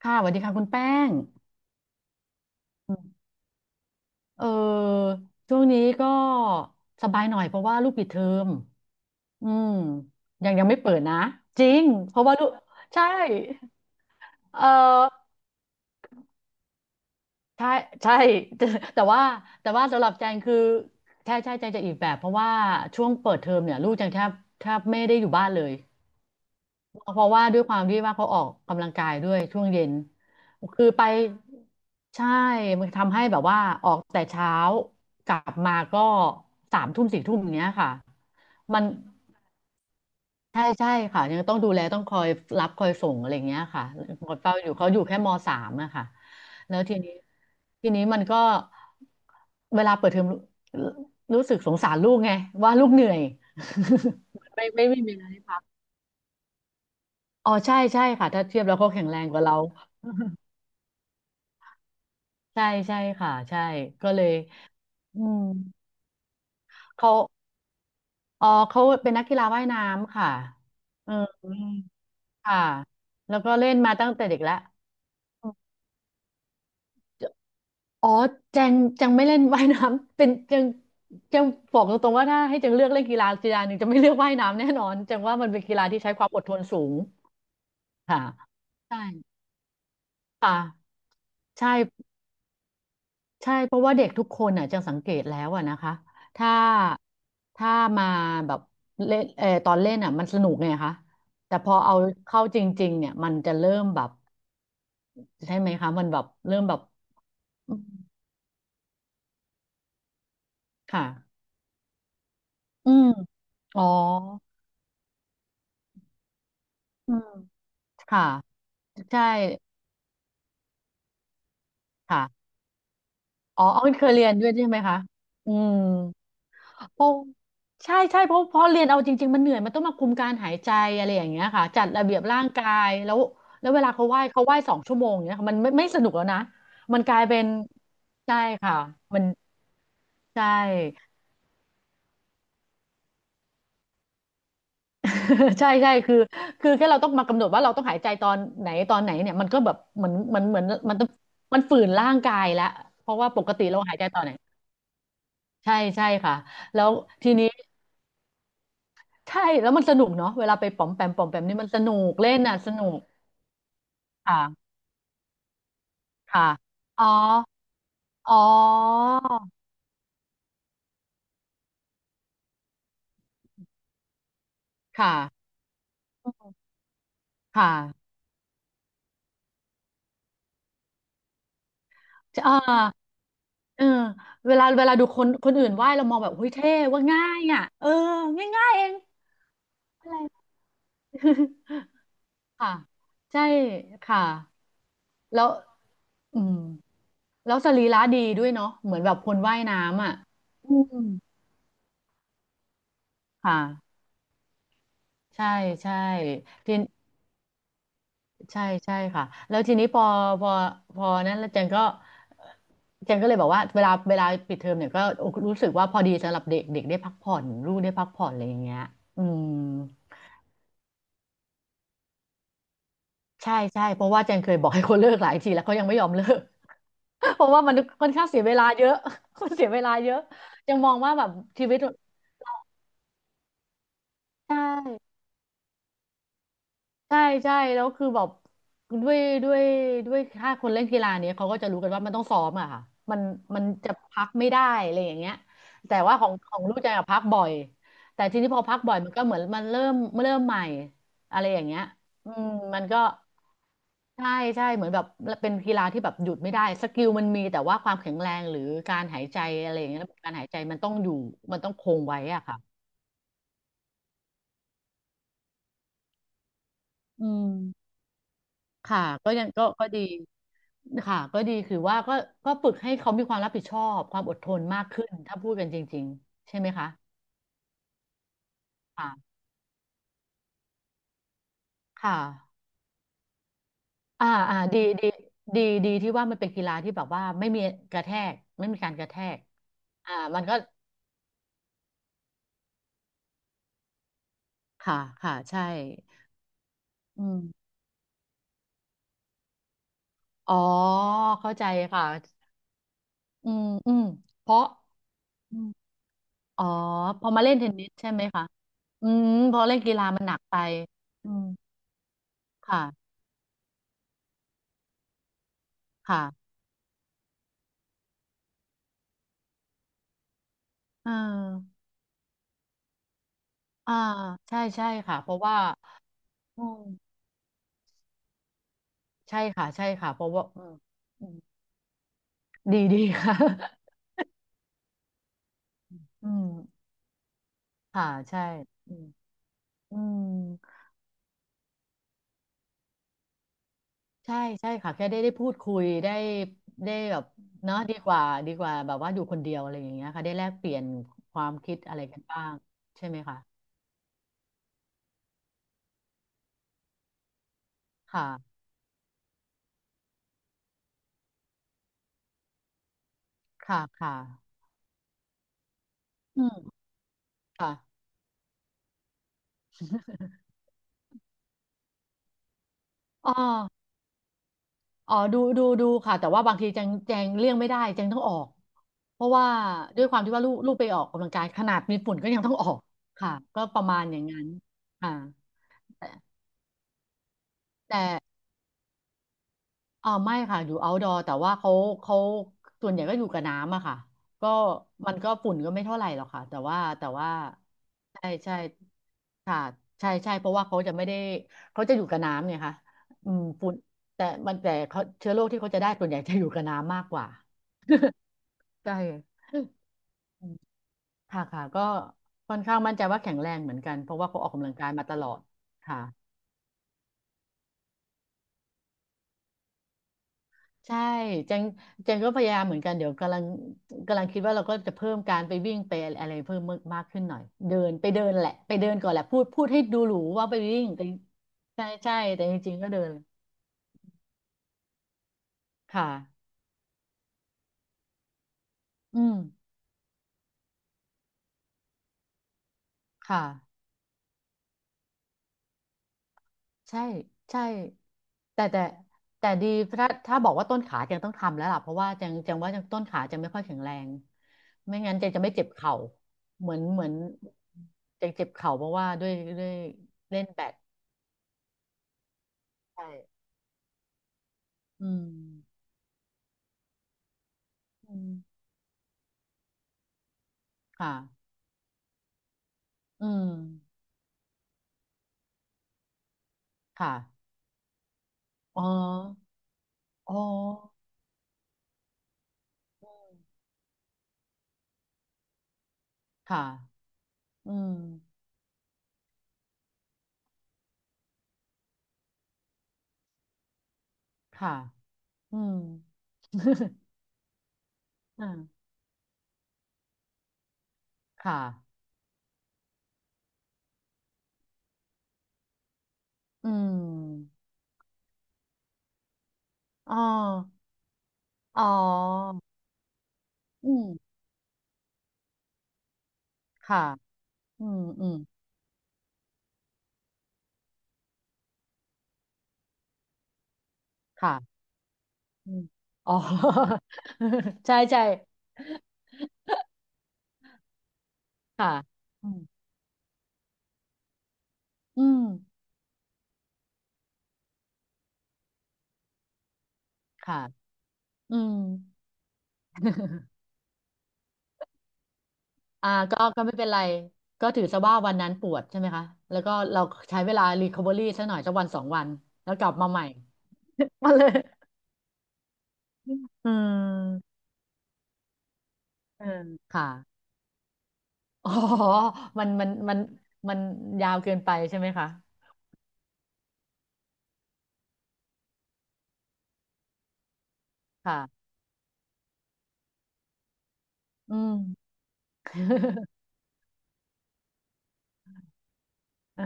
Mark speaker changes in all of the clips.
Speaker 1: ค่ะสวัสดีค่ะคุณแป้งอืมเออช่วงนี้ก็สบายหน่อยเพราะว่าลูกปิดเทอมอืมยังไม่เปิดนะจริงเพราะว่าลูกใช่เออใช่ใช่ แต่ว่าแต่ว่าสำหรับแจงคือใช่ใช่แจงจะอีกแบบเพราะว่าช่วงเปิดเทอมเนี่ยลูกแจงแทบไม่ได้อยู่บ้านเลย เพราะว่าด้วยความที่ว่าเขาออกกำลังกายด้วยช่วงเย็น คือไปใช่มันทำให้แบบว่าออกแต่เช้ากลับมาก็สามทุ่มสี่ทุ่มอย่างเนี้ยค่ะ มันใช่ใช่ค่ะยังต้องดูแลต้องคอยรับคอยส่งอะไรอย่างเงี้ยค่ะหมดเป้าอยู่เขาอยู่แค่มสามอะค่ะแล้วทีนี้ทีนี้มันก็เวลาเปิดเทอมรู้รู้สึกสงสารลูกไงว่าลูกเหนื่อยไม่มีเวลาไห้พักอ๋อใช่ใช่ค่ะถ้าเทียบแล้วเขาแข็งแรงกว่าเรา ใช่ใช่ค่ะใช่ก็เลยอืมเขาอ๋อเขาเป็นนักกีฬาว่ายน้ำค่ะเออค่ะแล้วก็เล่นมาตั้งแต่เด็กแล้วอ๋อแจงไม่เล่นว่ายน้ำ เป็นแจงแจงบอกตรงๆว่าถ้าให้แจงเลือกเล่นกีฬากีฬาหนึ่งจะไม่เลือกว่ายน้ำแน่นอนแจงว่ามันเป็นกีฬาที่ใช้ความอดทนสูงค่ะใช่ค่ะใช่ ใช่เพราะว่าเด็กทุกคนอ่ะจังสังเกตแล้วอ่ะนะคะถ้าถ้ามาแบบเล่นตอนเล่นอ่ะมันสนุกไงคะแต่พอเอาเข้าจริงๆเนี่ยมันจะเริ่มแบบใช่ไหมคะมันแบบเริ่มแบบอืมค่ะอืมอ๋ออืมค่ะใช่ค่ะอ๋อเอาเคยเรียนด้วยใช่ไหมคะอืม โพ้าใช่ใช่เพราะเรียนเอาจริงๆมันเหนื่อยมันต้องมาคุมการหายใจอะไรอย่างเงี้ยค่ะจัดระเบียบร่างกายแล้วแล้วเวลาเขาไหว้สองชั่วโมงเนี้ยค่ะมันไม่สนุกแล้วนะมันกลายเป็นใช่ค่ะมันใช่ ใช่ใช่คือแค่เราต้องมากำหนดว่าเราต้องหายใจตอนไหนเนี่ยมันก็แบบเหมือนมันต้องมันฝืนร่างกายแล้วเพราะว่าปกติเราหายใจตอนไหนใช่ใช่ค่ะแล้วทีนี้ใช่แล้วมันสนุกเนาะเวลาไปป๋อมแปมป๋อมแปมนี่มันสนุกเล่นอ่ะสนุก ค่ะ ค่ะอ๋ออ๋อค่ะค่ะจะเออเออเวลาดูคนอื่นไหว้เรามองแบบหุ้ยเท่ว่าง่ายอ่ะเออ ง่ายง่ายเองอะไร ค่ะ ใช่ค่ะ แล้วอืมแล้วสรีระดีด้วยเนาะเหมือนแบบคนว่ายน้ำอ่ะอืมค่ะใช่ใช่ที ใช่ใช่ค่ะแล้วทีนี้พอพอนั้นแล้วเจนก็เจนก็เลยบอกว่าเวลาปิดเทอมเนี่ยก็รู้สึกว่าพอดีสำหรับเด็กเด็กได้พักผ่อนลูกได้พักผ่อนอะไรอย่างเงี้ยอืมใช่ใช่เพราะว่าเจนเคยบอกให้เขาเลิกหลายทีแล้วเขายังไม่ยอมเลิก เพราะว่ามันค่อนข้างเสียเวลาเยอะ มันเสียเวลาเยอะยังมองว่าแบบชีวิตใช่ ใช่ใช่แล้วคือแบบด้วยด้วยด้วยถ้าคนเล่นกีฬาเนี้ยเขาก็จะรู้กันว่ามันต้องซ้อมอะค่ะมันมันจะพักไม่ได้อะไรอย่างเงี้ยแต่ว่าของลูกใจอะพักบ่อยแต่ทีนี้พอพักบ่อยมันก็เหมือนมันเริ่มเริ่มใหม่อะไรอย่างเงี้ยอืมมันก็ใช่ใช่เหมือนแบบเป็นกีฬาที่แบบหยุดไม่ได้สกิลมันมีแต่ว่าความแข็งแรงหรือการหายใจอะไรอย่างเงี้ยระบบการหายใจมันต้องอยู่มันต้องคงไว้อะค่ะอืม ค่ะก็ยังก็ดีค่ะก็ดีคือว่าก็ฝึกให้เขามีความรับผิดชอบความอดทนมากขึ้นถ้าพูดกันจริงๆใช่ไหมคะค่ะค่ะอ่าอ่าดีดีดีดีที่ว่ามันเป็นกีฬาที่แบบว่าไม่มีกระแทกไม่มีการกระแทกอ่ามันก็ค่ะค่ะใช่อืมอ๋อเข้าใจค่ะอืมอืมเพราะอืมอ๋อพอมาเล่นเทนนิสใช่ไหมคะอืมพอเล่นกีฬามันหนักไปอืมค่ะค่ะอ่า อ่าใช่ใช่ค่ะเพราะว่าอืมใช่ค่ะใช่ค่ะเพราะว่าอืมอืมดีดีค่ะ อืมค่ะใช่อืมอืมใช่ใช่ค่ะแค่ได้พูดคุยได้ได้แบบเนาะดีกว่าดีกว่าแบบว่าอยู่คนเดียวอะไรอย่างเงี้ยค่ะได้แลกเปลี่ยนความคิดอะไรกันบ้างใช่ไหมคะค่ะค่ะค่ะอืมค่ะอ๋อ อ๋อดูดูดูค่ะแต่ว่าบางทีแจงแจงเลี่ยงไม่ได้แจงต้องออกเพราะว่าด้วยความที่ว่าลูกลูกไปออกกำลังกายขนาดมีฝุ่นก็ยังต้องออกค่ะก็ประมาณอย่างนั้นค่ะแต่แต่เออไม่ค่ะอยู่ outdoor แต่ว่าเขาเขาส่วนใหญ่ก็อยู่กับน้ำอะค่ะก็มันก็ฝุ่นก็ไม่เท่าไหร่หรอกค่ะแต่ว่าแต่ว่าใช่ใช่ค่ะใช่ใช่เพราะว่าเขาจะไม่ได้เขาจะอยู่กับน้ำเนี่ยค่ะอืมฝุ่นแต่มันแต่เขาเชื้อโรคที่เขาจะได้ส่วนใหญ่จะอยู่กับน้ำมากกว่า ใช่ค่ะค่ะก็ค่อนข้างมั่นใจว่าแข็งแรงเหมือนกันเพราะว่าเขาออกกำลังกายมาตลอดค่ะใช่เจงเจงก็พยายามเหมือนกันเดี๋ยวกำลังกำลังคิดว่าเราก็จะเพิ่มการไปวิ่งไปอะไรเพิ่มมากขึ้นหน่อยเดินไปเดินแหละไปเดินก่อนแหละพูดพูดให้ดูหรูว่าไปวิ่งแต่ใช่ใช่แต่จริงๆก็เดินค่ะอืมค่ะ ใช่ใช่แต่แต่แต่ดีถ้าถ้าบอกว่าต้นขาเจงต้องทำแล้วล่ะเพราะว่าเจงเจงว่าเจงต้นขาเจงไม่ค่อยแข็งแรงไม่งั้นเจงจะไม่เจ็บเข่าเหมือนเหมือนเจงเจ็บเข่าเพราะว่าด้วยด้วยเล่นแบดใช่อืมอืมค่ะอืมค่ะอ๋ออ๋ออืมค่ะอืมค่ะอืม อ่าค่ะอืมอ๋ออ๋ออืมค่ะ อืมอืมค่ะอืม อ๋อ ใช่ใช่ค่ะอืมอืมค่ะอืม อ่าก็ก็ไม่เป็นไรก็ถือซะว่าวันนั้นปวดใช่ไหมคะแล้วก็เราใช้เวลา recovery สักหน่อยสักวันสองวันแล้วกลับมาใหม่ มาเลยอืมเออค่ะ อ๋อมันมันยาวเกินไปใช่ไหมคะค่ะอืม เออ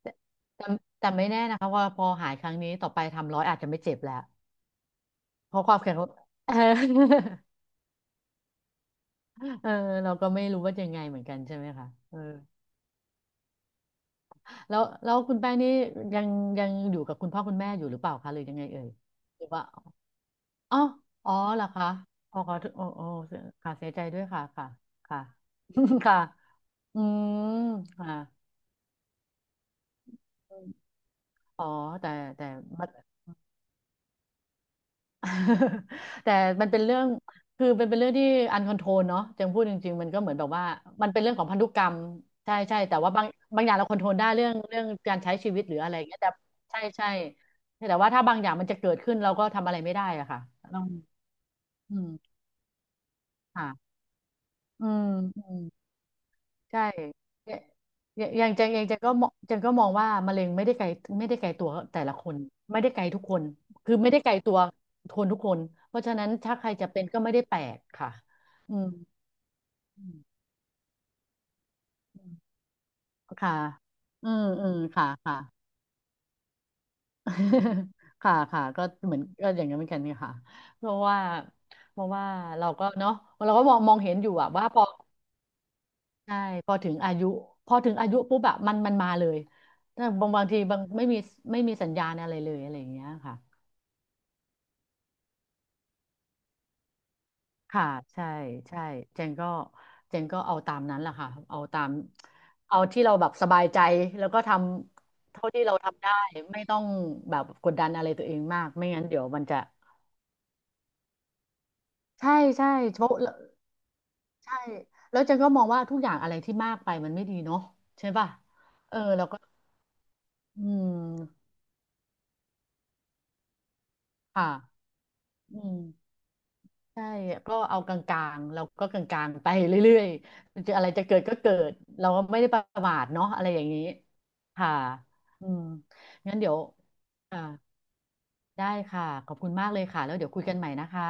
Speaker 1: แต่แต่แต่ไม่แน่นะคะว่าพอหายครั้งนี้ต่อไปทำร้อยอาจจะไม่เจ็บแล้วเพราะความแข็ง เออเออเราก็ไม่รู้ว่ายังไงเหมือนกันใช่ไหมคะเออแล้วแล้วคุณแป้งนี่ยังยังอยู่กับคุณพ่อคุณแม่อยู่หรือเปล่าคะหรือยังไงเอ่ยหรือว่าอ๋ออ๋อเหรอคะอ๋อขอโทษโอ้โอ้ค่ะเสียใจด้วยค่ะค่ะค่ะ ค่ะอืมค่ะอ๋อแต่แต่ แต่มันเป็นเรื่อง คือมันเป็นเรื่องที่อันคอนโทรลเนาะจังพูดจริงๆมันก็เหมือนแบบว่า มันเป็นเรื่องของพันธุกรรม ใช่ใช่แต่ว่าบางบางอย่างเราคอนโทรลได้เรื่องเรื่องการใช้ชีวิตหรืออะไรอย่างเงี้ยแต่ใช่ใช่แต่ว่าถ้าบางอย่างมันจะเกิดขึ้นเราก็ทำอะไรไม่ได้อะค่ะต้องอืม ค่ะอืมอืม ใช่อย่าอย่างอย่างจังอย่างจังก็มองจังก็มองว่ามะเร็งไม่ได้ไกลไม่ได้ไกลตัวแต่ละคนไม่ได้ไกลทุกคนคือไม่ได้ไกลตัวคนทุกคนเพราะฉะนั้นถ้าใครจะเป็นก็ไม่ได้แปลกค่ะอืมอืมอืมค่ะอืมอืมค่ะค่ะ ค่ะค่ะก็เหมือนก็อย่างนั้นเหมือนกันเนี่ยค่ะเพราะว่าเพราะว่าเราก็เนาะเราก็มองมองเห็นอยู่อะว่าพอ ใช่พอถึงอายุพอถึงอายุปุ๊บอะมันมันมาเลยถ้าบางบางทีบางไม่มีไม่มีสัญญาณอะไรเลยอะไรอย่างเงี้ยค่ะค่ะใช่ใช่เจนก็เจนก็เอาตามนั้นแหละค่ะเอาตามเอาที่เราแบบสบายใจแล้วก็ทำเท่าที่เราทำได้ไม่ต้องแบบกดดันอะไรตัวเองมากไม่งั้นเดี๋ยวมันจะใช่ใช่เพราะใช่แล้วเจนก็มองว่าทุกอย่างอะไรที่มากไปมันไม่ดีเนาะใช่ป่ะเออแล้วก็อืมค่ะอืม ใช่ก็เอากลางๆเราก็กลางๆไปเรื่อยๆมันจะอะไรจะเกิดก็เกิดเราก็ไม่ได้ประมาทเนาะอะไรอย่างนี้ค่ะอืมงั้นเดี๋ยวอ่าได้ค่ะขอบคุณมากเลยค่ะแล้วเดี๋ยวคุยกันใหม่นะคะ